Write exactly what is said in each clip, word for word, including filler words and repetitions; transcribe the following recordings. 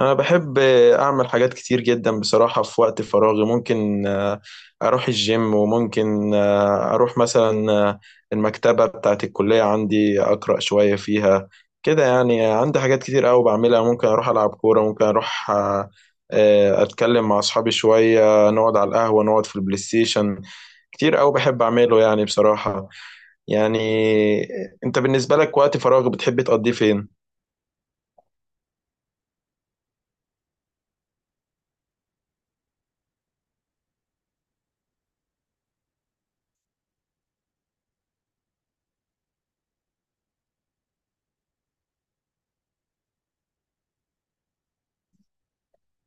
أنا بحب أعمل حاجات كتير جدا بصراحة في وقت فراغي ممكن آه، أروح الجيم، وممكن آه، أروح مثلا آه، المكتبة بتاعت الكلية عندي أقرأ شوية فيها كده. يعني عندي حاجات كتير أوي بعملها، ممكن أروح ألعب كورة، ممكن أروح آه، آه، أتكلم مع أصحابي شوية، نقعد على القهوة، نقعد في البلاي ستيشن. كتير أوي بحب أعمله يعني بصراحة. يعني آه، أنت بالنسبة لك وقت فراغ بتحب تقضيه فين؟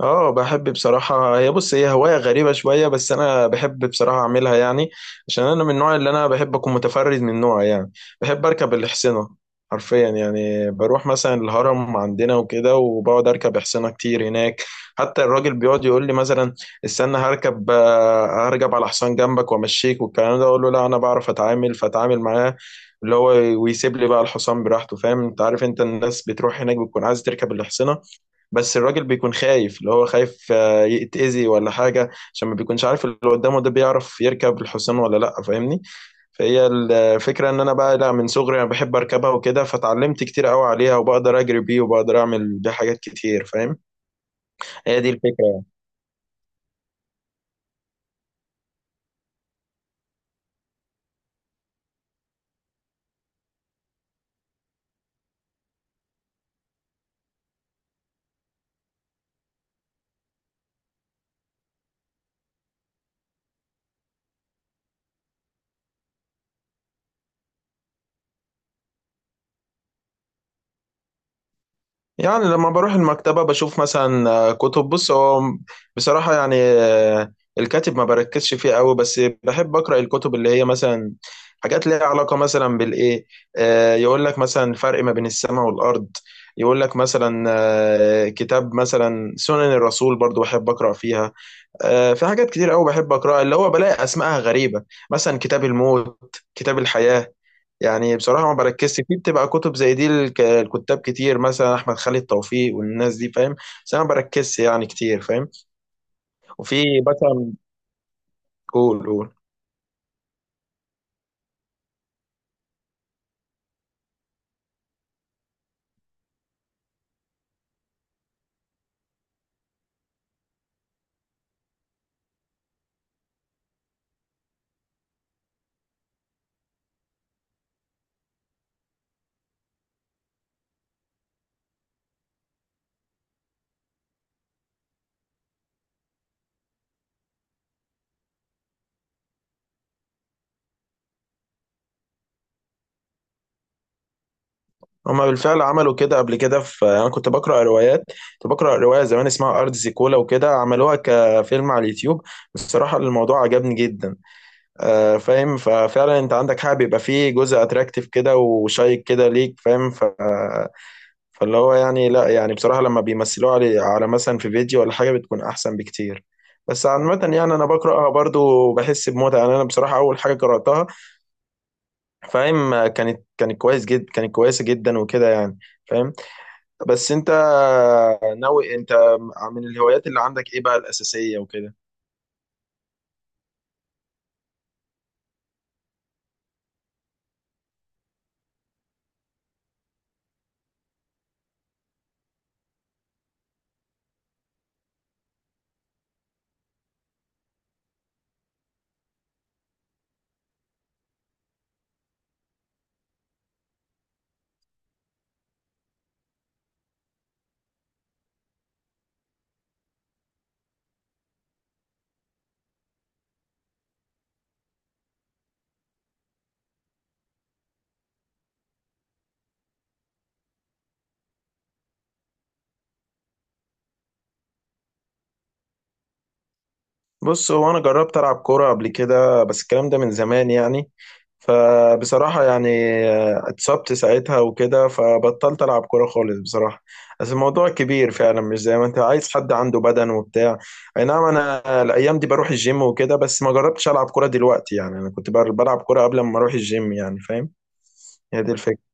اه، بحب بصراحة. هي بص، هي هواية غريبة شوية بس أنا بحب بصراحة أعملها، يعني عشان أنا من النوع اللي أنا بحب أكون متفرد من نوعي يعني. بحب أركب الحصينة، حرفيا يعني بروح مثلا الهرم عندنا وكده وبقعد أركب حصينة كتير هناك. حتى الراجل بيقعد يقول لي مثلا: استنى هركب، آه، هركب على حصان جنبك وأمشيك والكلام ده. أقول له: لا، أنا بعرف أتعامل، فأتعامل معاه اللي هو، ويسيب لي بقى الحصان براحته. فاهم؟ أنت عارف، أنت الناس بتروح هناك بتكون عايز تركب الحصينة، بس الراجل بيكون خايف، اللي هو خايف آه، يتأذي ولا حاجة، عشان ما بيكونش عارف اللي قدامه ده بيعرف يركب الحصان ولا لأ. فاهمني؟ فهي الفكرة إن أنا بقى لا، من صغري أنا بحب أركبها وكده، فتعلمت كتير قوي عليها وبقدر أجري بيه وبقدر أعمل بيه حاجات كتير. فاهم؟ هي دي الفكرة. يعني لما بروح المكتبة بشوف مثلا آه، كتب. بص، هو بصراحة يعني آه، الكاتب ما بركزش فيه قوي، بس بحب أقرأ الكتب اللي هي مثلا حاجات ليها علاقة مثلا بالإيه. آه، يقول لك مثلا فرق ما بين السماء والأرض، يقول لك مثلا آه، كتاب مثلا سنن الرسول، برضو بحب أقرأ فيها. آه، في حاجات كتير قوي بحب أقرأها اللي هو بلاقي أسمائها غريبة، مثلا كتاب الموت، كتاب الحياة. يعني بصراحة ما بركزش فيه، بتبقى كتب زي دي. الك- الكتاب كتير مثلا أحمد خالد توفيق والناس دي، فاهم؟ بس أنا ما بركزش يعني كتير. فاهم؟ وفي مثلا. قول، قول. هما بالفعل عملوا كده قبل كده، في أنا كنت بقرأ روايات، كنت بقرأ رواية زمان اسمها أرض زيكولا وكده، عملوها كفيلم على اليوتيوب. بصراحة الموضوع عجبني جدا. آه، فاهم؟ ففعلا أنت عندك حاجة بيبقى فيه جزء أتراكتيف كده وشيق كده ليك. فاهم؟ ف فاللي هو يعني لا، يعني بصراحة لما بيمثلوها على على مثلا في فيديو ولا حاجة بتكون أحسن بكتير. بس عامة يعني أنا بقرأها برضو وبحس بمتعة يعني. أنا بصراحة أول حاجة قرأتها، فاهم، كانت كانت كويس جدا، كانت كويسة جدا وكده يعني. فاهم؟ بس أنت ناوي أنت، من الهوايات اللي عندك إيه بقى الأساسية وكده؟ بص، هو انا جربت العب كوره قبل كده، بس الكلام ده من زمان يعني، فبصراحه يعني آه، اتصبت ساعتها وكده فبطلت العب كوره خالص بصراحه. بس الموضوع كبير فعلا، مش زي ما انت عايز حد عنده بدن وبتاع. اي نعم، انا الايام دي بروح الجيم وكده، بس ما جربتش العب كوره دلوقتي، يعني انا كنت بر- بلعب كوره قبل ما اروح الجيم يعني. فاهم؟ هي دي الفكره.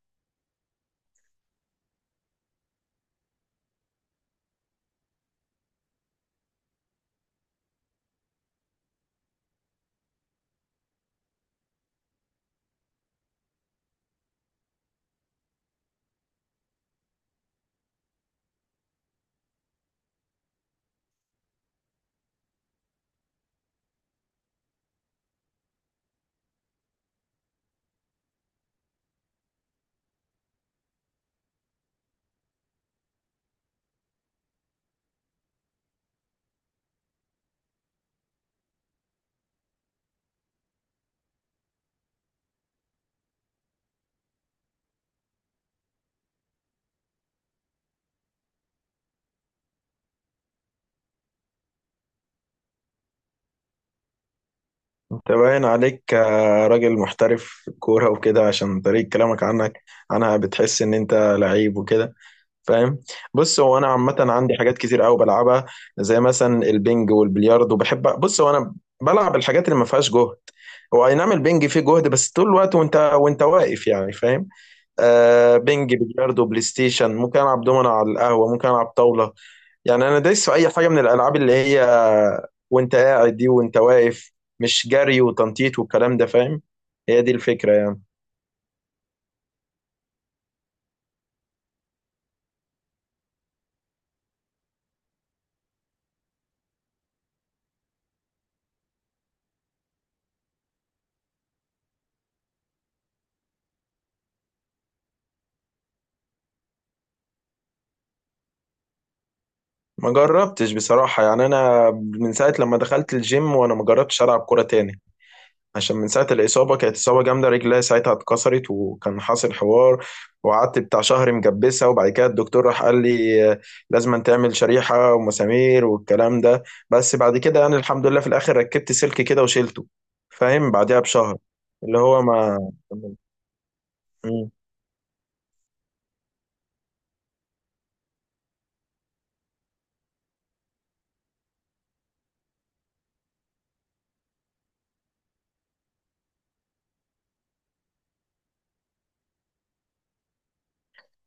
انت باين عليك آه، راجل محترف في الكوره وكده، عشان طريقه كلامك عنك عنها بتحس ان انت لعيب وكده. فاهم؟ بص، هو انا عامه عندي حاجات كتير قوي بلعبها، زي مثلا البنج والبلياردو. بحب، بص، هو انا بلعب الحاجات اللي ما فيهاش جهد. هو اي نعم البنج فيه جهد، بس طول الوقت وانت وانت واقف يعني. فاهم؟ آه، بنج، بلياردو، بلاي ستيشن، ممكن العب دومنا على القهوه، ممكن العب طاوله. يعني انا دايس في اي حاجه من الالعاب اللي هي وانت قاعد دي، وانت واقف، مش جري وتنطيط والكلام ده. فاهم؟ هي دي الفكره يعني. ما جربتش بصراحة، يعني أنا من ساعة لما دخلت الجيم وأنا ما جربتش ألعب كورة تاني، عشان من ساعة الإصابة، كانت إصابة جامدة، رجلي ساعتها اتكسرت وكان حاصل حوار. وقعدت بتاع شهر مجبسة، وبعد كده الدكتور راح قال لي آه، لازم تعمل شريحة ومسامير والكلام ده، بس بعد كده يعني الحمد لله في الآخر ركبت سلك كده وشيلته. فاهم؟ بعدها بشهر اللي هو ما.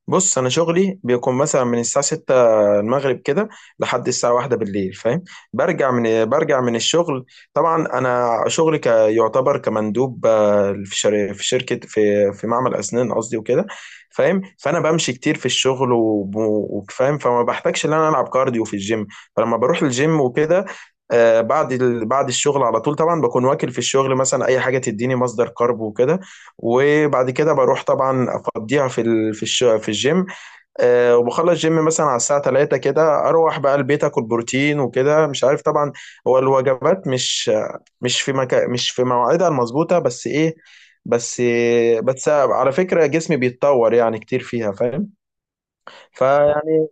بص، انا شغلي بيكون مثلا من الساعه ستة المغرب كده لحد الساعه واحدة بالليل. فاهم؟ برجع من برجع من الشغل. طبعا انا شغلي ك- يعتبر كمندوب آه، في شر- في شركه في في معمل اسنان قصدي وكده. فاهم؟ فانا بمشي كتير في الشغل وب- وفاهم، فما بحتاجش ان انا العب كارديو في الجيم. فلما بروح الجيم وكده آه، بعد ال- بعد الشغل على طول، طبعا بكون واكل في الشغل مثلا اي حاجه تديني مصدر كارب وكده، وبعد كده بروح طبعا افضيها في ال- في الش- في الجيم. أه، وبخلص جيم مثلا على الساعه تلاتة كده، اروح بقى البيت اكل بروتين وكده، مش عارف طبعا، هو الوجبات مش مش في مكا مش في مواعيدها المظبوطه. بس ايه، بس، بس على فكره جسمي بيتطور يعني كتير فيها. فاهم؟ فيعني.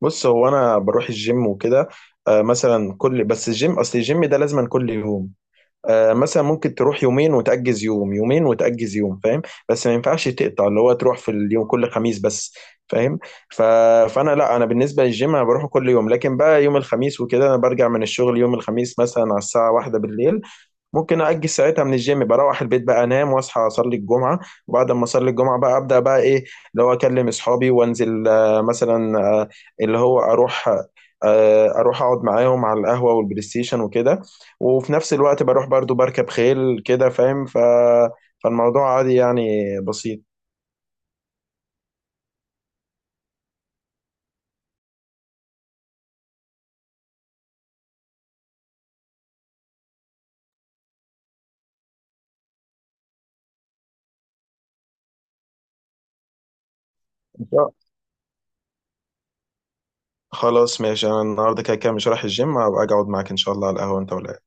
بص، هو انا بروح الجيم وكده أه مثلا كل. بس الجيم، اصل الجيم ده لازما كل يوم، آه، مثلا ممكن تروح يومين وتأجز يوم، يومين وتأجز يوم. فاهم؟ بس ما ينفعش تقطع اللي هو تروح في اليوم كل خميس بس. فاهم؟ ف... فانا لا، انا بالنسبه للجيم انا بروحه كل يوم، لكن بقى يوم الخميس وكده انا برجع من الشغل يوم الخميس مثلا على الساعه واحدة بالليل. ممكن أأجل ساعتها من الجيم، بروح البيت بقى أنام وأصحى أصلي الجمعة، وبعد ما أصلي الجمعة بقى أبدأ بقى إيه، اللي هو أكلم أصحابي وأنزل آه، مثلا آه، اللي هو أروح آه، أروح أقعد معاهم على القهوة والبلاي ستيشن وكده. وفي نفس الوقت بروح برضو بركب خيل كده. فاهم؟ ف... فالموضوع عادي يعني بسيط. إن شاء- خلاص ماشي، أنا النهاردة كده كده مش رايح الجيم، هبقى أجي أقعد معاك إن شاء الله على القهوة، أنت ولا